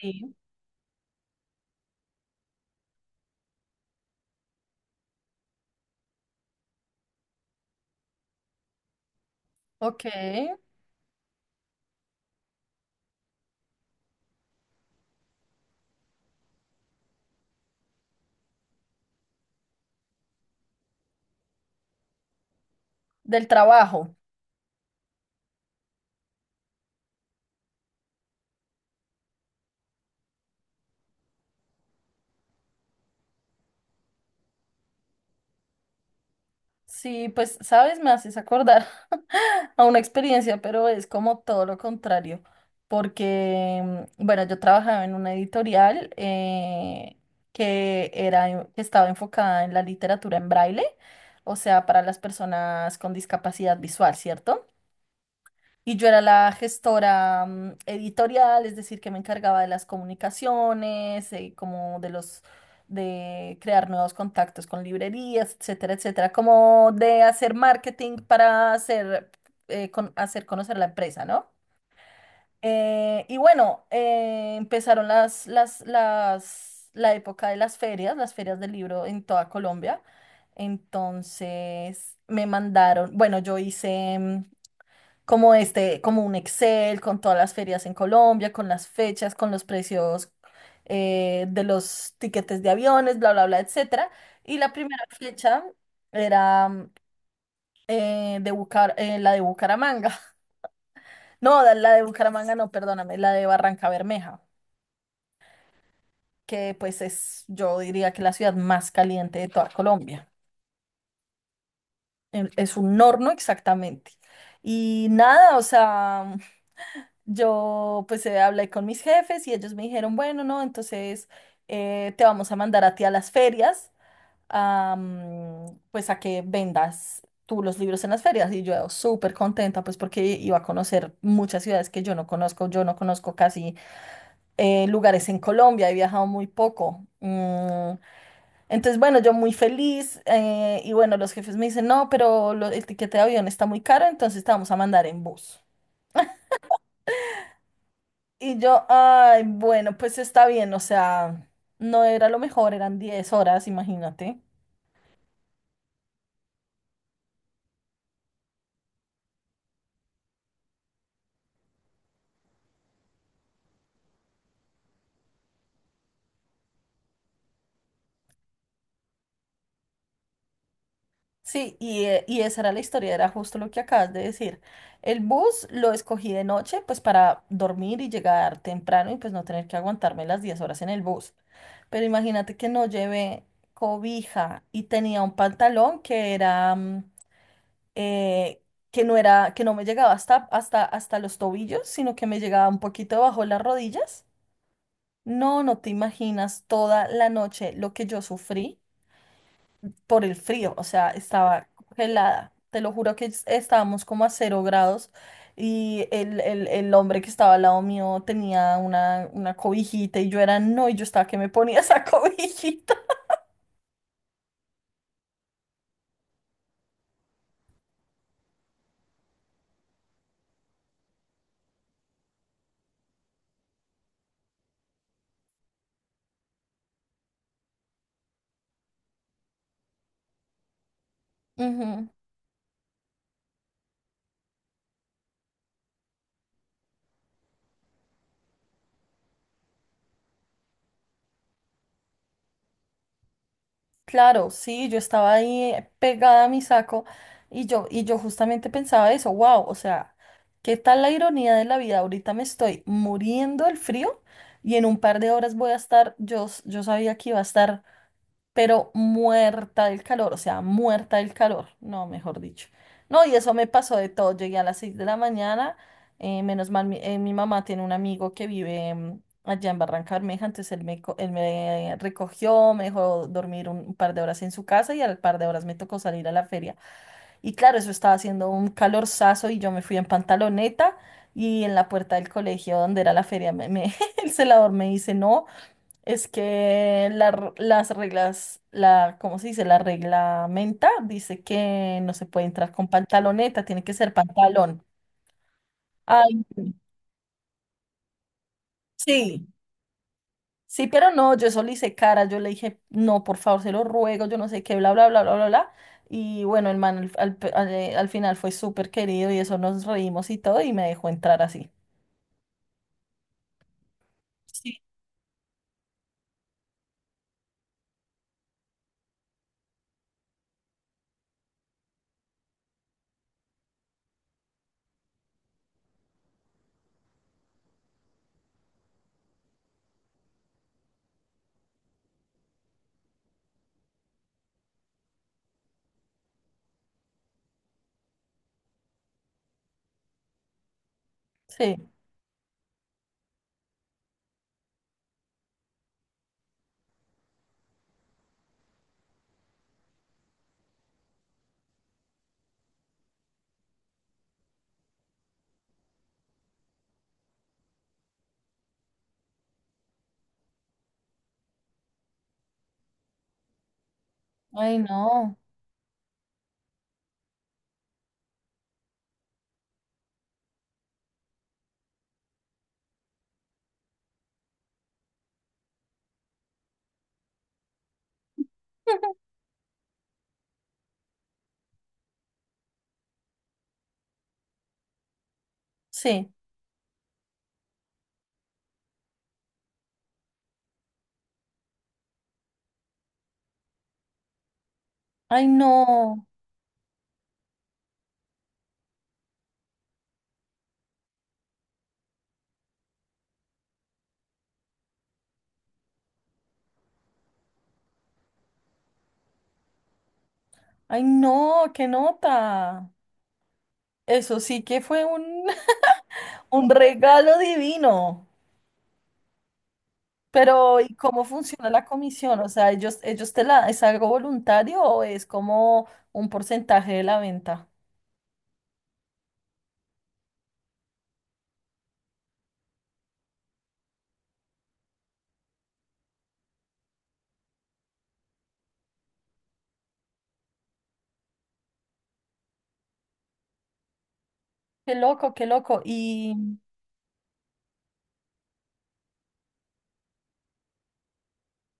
Sí, ok. Del trabajo. Sí, pues, sabes, me haces acordar a una experiencia, pero es como todo lo contrario, porque, bueno, yo trabajaba en una editorial que era, que estaba enfocada en la literatura en braille, o sea, para las personas con discapacidad visual, ¿cierto? Y yo era la gestora editorial, es decir, que me encargaba de las comunicaciones, como de los, de crear nuevos contactos con librerías, etcétera, etcétera, como de hacer marketing para hacer, hacer conocer la empresa, ¿no? Y bueno, empezaron la época de las ferias del libro en toda Colombia. Entonces me mandaron, bueno, yo hice, como este, como un Excel con todas las ferias en Colombia, con las fechas, con los precios de los tiquetes de aviones, bla, bla, bla, etcétera. Y la primera fecha era la de Bucaramanga. No, la de Bucaramanga no, perdóname, la de Barranca Bermeja, que pues es, yo diría que la ciudad más caliente de toda Colombia. Es un horno exactamente. Y nada, o sea, yo pues hablé con mis jefes y ellos me dijeron, bueno, no, entonces te vamos a mandar a ti a las ferias, a, pues a que vendas tú los libros en las ferias. Y yo súper contenta pues porque iba a conocer muchas ciudades que yo no conozco casi lugares en Colombia, he viajado muy poco. Entonces bueno, yo muy feliz y bueno, los jefes me dicen, no, pero el tiquete de avión está muy caro, entonces te vamos a mandar en bus. Y yo, ay, bueno, pues está bien, o sea, no era lo mejor, eran 10 horas, imagínate. Sí, y esa era la historia, era justo lo que acabas de decir. El bus lo escogí de noche, pues para dormir y llegar temprano y pues no tener que aguantarme las 10 horas en el bus. Pero imagínate que no llevé cobija y tenía un pantalón que era, eh, que no era, que no me llegaba hasta los tobillos, sino que me llegaba un poquito bajo las rodillas. No, no te imaginas toda la noche lo que yo sufrí por el frío, o sea, estaba congelada. Te lo juro que estábamos como a 0 grados y el hombre que estaba al lado mío tenía una cobijita y yo era, no, y yo estaba que me ponía esa cobijita. Ujú. Claro, sí, yo estaba ahí pegada a mi saco y yo justamente pensaba eso, wow, o sea, ¿qué tal la ironía de la vida? Ahorita me estoy muriendo del frío y en un par de horas voy a estar, yo, yo sabía que iba a estar pero muerta del calor, o sea, muerta del calor, no, mejor dicho. No, y eso me pasó de todo, llegué a las 6 de la mañana, menos mal, mi mamá tiene un amigo que vive allá en Barranca Bermeja, entonces él me, él me recogió, me dejó dormir un par de horas en su casa y al par de horas me tocó salir a la feria. Y claro, eso estaba haciendo un calorzazo y yo me fui en pantaloneta. Y en la puerta del colegio donde era la feria, el celador me dice, no, es que las reglas, la, ¿cómo se dice? La reglamenta dice que no se puede entrar con pantaloneta, tiene que ser pantalón. Ay, sí, sí, pero no, yo eso le hice cara, yo le dije, no, por favor, se lo ruego, yo no sé qué, bla, bla, bla, bla, bla, bla. Y bueno, el man al final fue súper querido y eso nos reímos y todo y me dejó entrar así. Sí. Sí. Ay, no. Sí. Ay, no. Ay, no, qué nota. Eso sí que fue un regalo divino. Pero, ¿y cómo funciona la comisión? O sea, ellos te la, ¿es algo voluntario o es como un porcentaje de la venta? Qué loco, qué loco. Y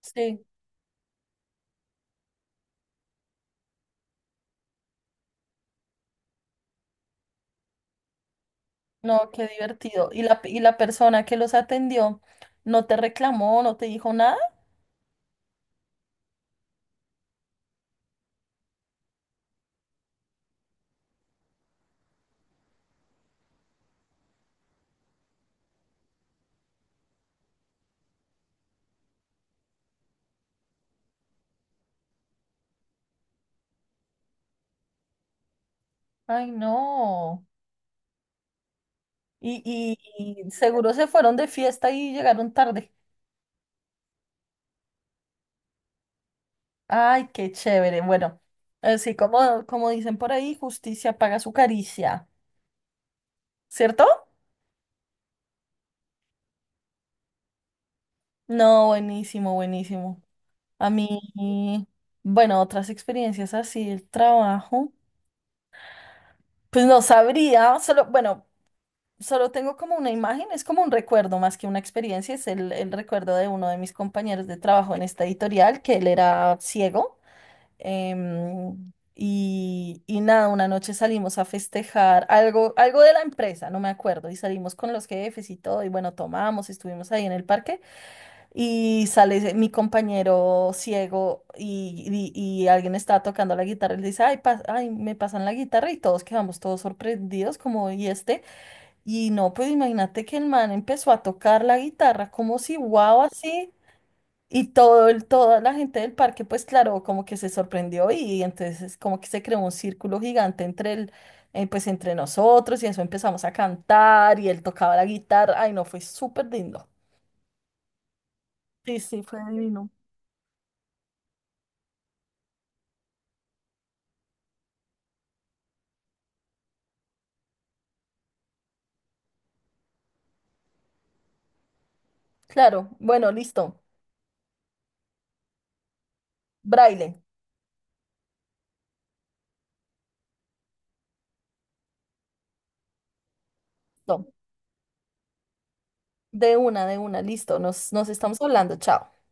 sí, no, qué divertido. ¿Y y la persona que los atendió no te reclamó, no te dijo nada? Ay, no. Y seguro se fueron de fiesta y llegaron tarde. Ay, qué chévere. Bueno, así como, como dicen por ahí, justicia paga su caricia, ¿cierto? No, buenísimo, buenísimo. A mí, bueno, otras experiencias así, el trabajo, pues no sabría, solo, bueno, solo tengo como una imagen, es como un recuerdo más que una experiencia, es el recuerdo de uno de mis compañeros de trabajo en esta editorial, que él era ciego. Y, y nada, una noche salimos a festejar algo, algo de la empresa, no me acuerdo, y salimos con los jefes y todo, y bueno, tomamos, estuvimos ahí en el parque. Y sale mi compañero ciego y, y alguien está tocando la guitarra y le dice, ay, ay, me pasan la guitarra y todos quedamos todos sorprendidos como, ¿y este? Y no, pues imagínate que el man empezó a tocar la guitarra como si wow así y todo el, toda la gente del parque pues claro, como que se sorprendió y entonces como que se creó un círculo gigante entre el, pues entre nosotros y eso empezamos a cantar y él tocaba la guitarra, ay, no, fue súper lindo. Sí, sí, fue divino. Claro, bueno, listo. Braille. Listo. De una, listo. Nos, nos estamos hablando. Chao.